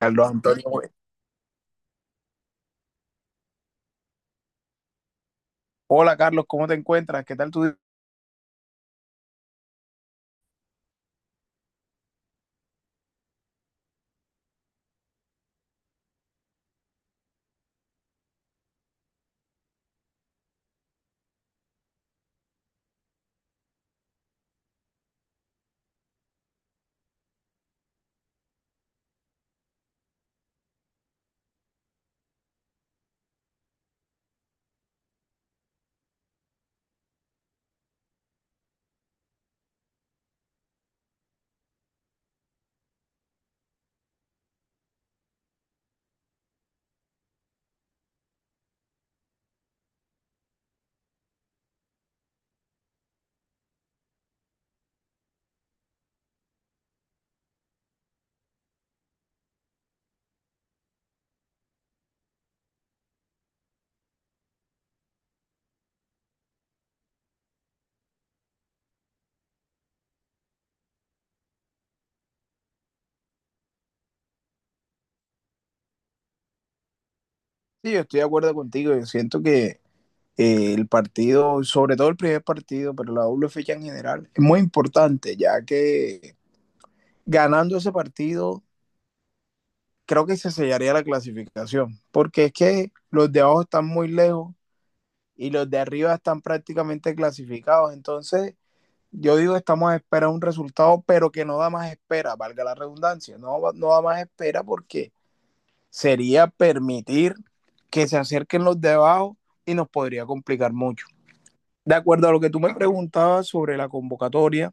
Carlos Antonio. Güey. Hola Carlos, ¿cómo te encuentras? ¿Qué tal tu día? Sí, yo estoy de acuerdo contigo. Yo siento que el partido, sobre todo el primer partido, pero la doble fecha en general, es muy importante, ya que ganando ese partido, creo que se sellaría la clasificación, porque es que los de abajo están muy lejos y los de arriba están prácticamente clasificados. Entonces, yo digo, estamos a esperar un resultado, pero que no da más espera, valga la redundancia, no, no da más espera porque sería permitir que se acerquen los de abajo y nos podría complicar mucho. De acuerdo a lo que tú me preguntabas sobre la convocatoria,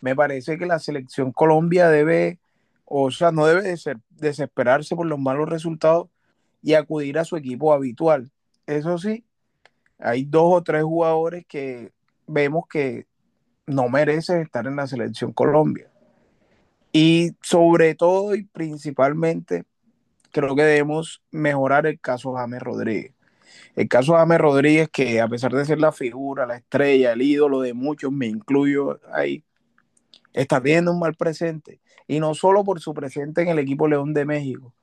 me parece que la selección Colombia debe, o sea, no debe desesperarse por los malos resultados y acudir a su equipo habitual. Eso sí, hay dos o tres jugadores que vemos que no merecen estar en la selección Colombia. Y sobre todo y principalmente, creo que debemos mejorar el caso James Rodríguez. El caso de James Rodríguez, que a pesar de ser la figura, la estrella, el ídolo de muchos, me incluyo ahí, está teniendo un mal presente. Y no solo por su presente en el equipo León de México,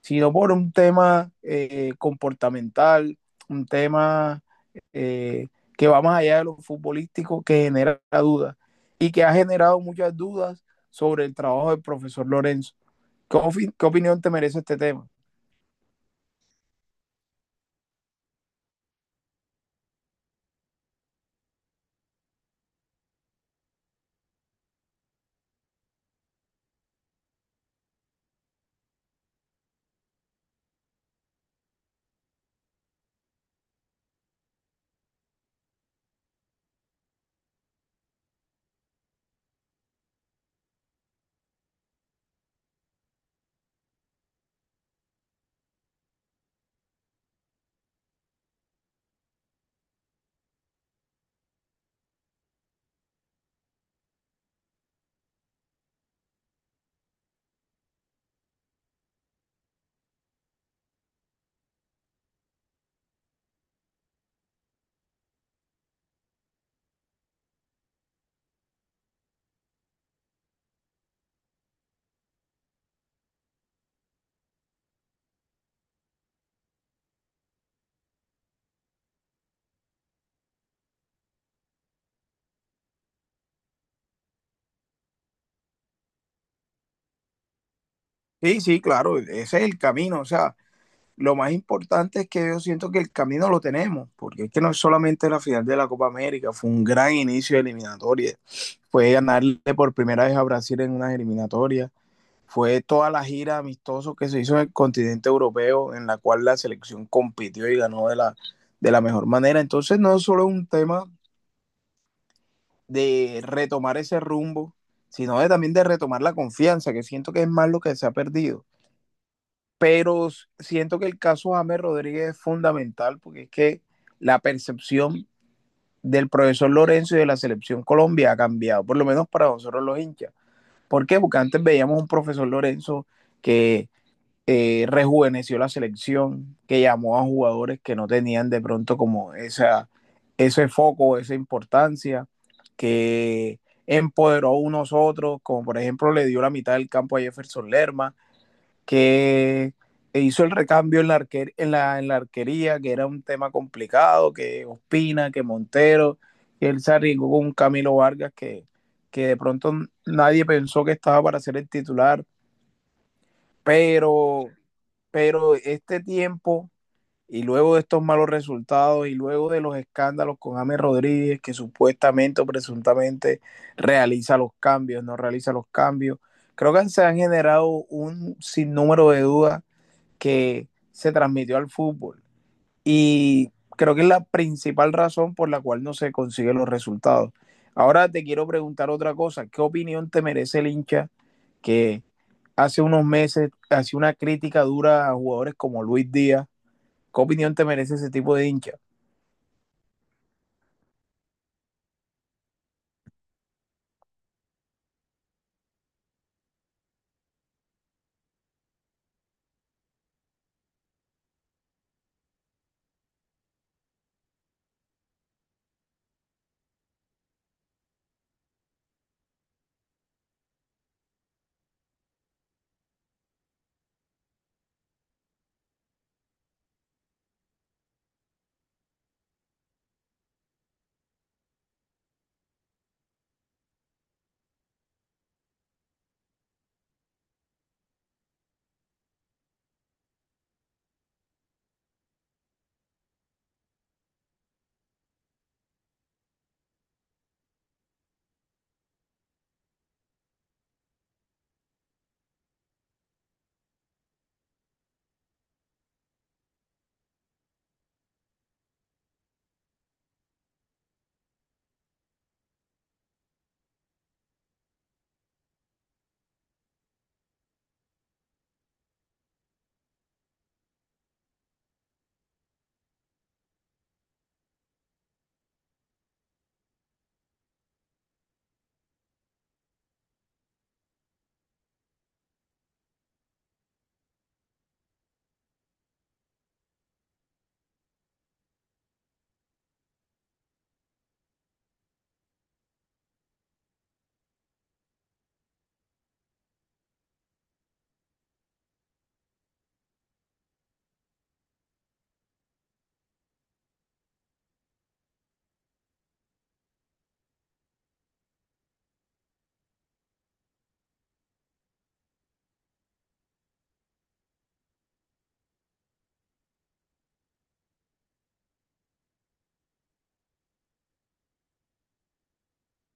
sino por un tema comportamental, un tema eh, que va más allá de lo futbolístico, que genera dudas y que ha generado muchas dudas sobre el trabajo del profesor Lorenzo. ¿ qué opinión te merece este tema? Sí, sí, claro, ese es el camino. O sea, lo más importante es que yo siento que el camino lo tenemos, porque es que no es solamente la final de la Copa América, fue un gran inicio de eliminatoria, fue ganarle por primera vez a Brasil en unas eliminatorias, fue toda la gira amistoso que se hizo en el continente europeo, en la cual la selección compitió y ganó de la mejor manera. Entonces no es solo un tema de retomar ese rumbo, sino de, también de retomar la confianza, que siento que es más lo que se ha perdido, pero siento que el caso James Rodríguez es fundamental porque es que la percepción del profesor Lorenzo y de la selección Colombia ha cambiado, por lo menos para nosotros los hinchas. ¿Por qué? Porque antes veíamos un profesor Lorenzo que rejuveneció la selección, que llamó a jugadores que no tenían de pronto como esa, ese foco, esa importancia, que empoderó a unos otros, como por ejemplo le dio la mitad del campo a Jefferson Lerma, que hizo el recambio en la, arquer, en la arquería, que era un tema complicado, que Ospina, que Montero, que él se arriesgó con un Camilo Vargas que de pronto nadie pensó que estaba para ser el titular, pero, pero este tiempo y luego de estos malos resultados y luego de los escándalos con James Rodríguez, que supuestamente o presuntamente realiza los cambios, no realiza los cambios, creo que se han generado un sinnúmero de dudas que se transmitió al fútbol. Y creo que es la principal razón por la cual no se consiguen los resultados. Ahora te quiero preguntar otra cosa. ¿Qué opinión te merece el hincha que hace unos meses hacía una crítica dura a jugadores como Luis Díaz? ¿Qué opinión te merece ese tipo de hincha?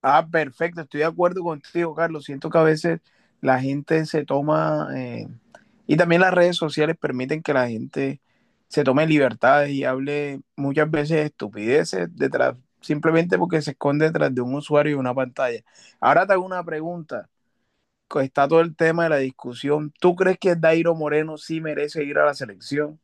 Ah, perfecto, estoy de acuerdo contigo, Carlos. Siento que a veces la gente se toma, y también las redes sociales permiten que la gente se tome libertades y hable muchas veces estupideces detrás, simplemente porque se esconde detrás de un usuario y una pantalla. Ahora te hago una pregunta, que está todo el tema de la discusión. ¿Tú crees que Dairo Moreno sí merece ir a la selección?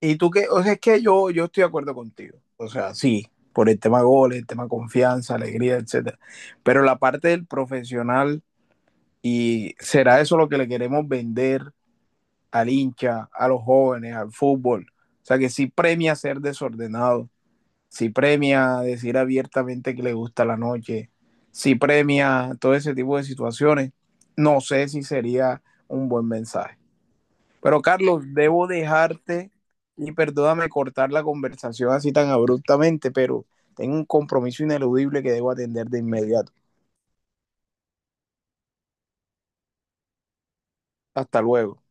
Y tú que, o sea, es que yo estoy de acuerdo contigo. O sea, sí, por el tema goles, el tema confianza, alegría, etcétera. Pero la parte del profesional, y será eso lo que le queremos vender al hincha, a los jóvenes, al fútbol. O sea, que sí premia ser desordenado, sí premia decir abiertamente que le gusta la noche, sí premia todo ese tipo de situaciones. No sé si sería un buen mensaje. Pero Carlos, debo dejarte y perdóname cortar la conversación así tan abruptamente, pero tengo un compromiso ineludible que debo atender de inmediato. Hasta luego.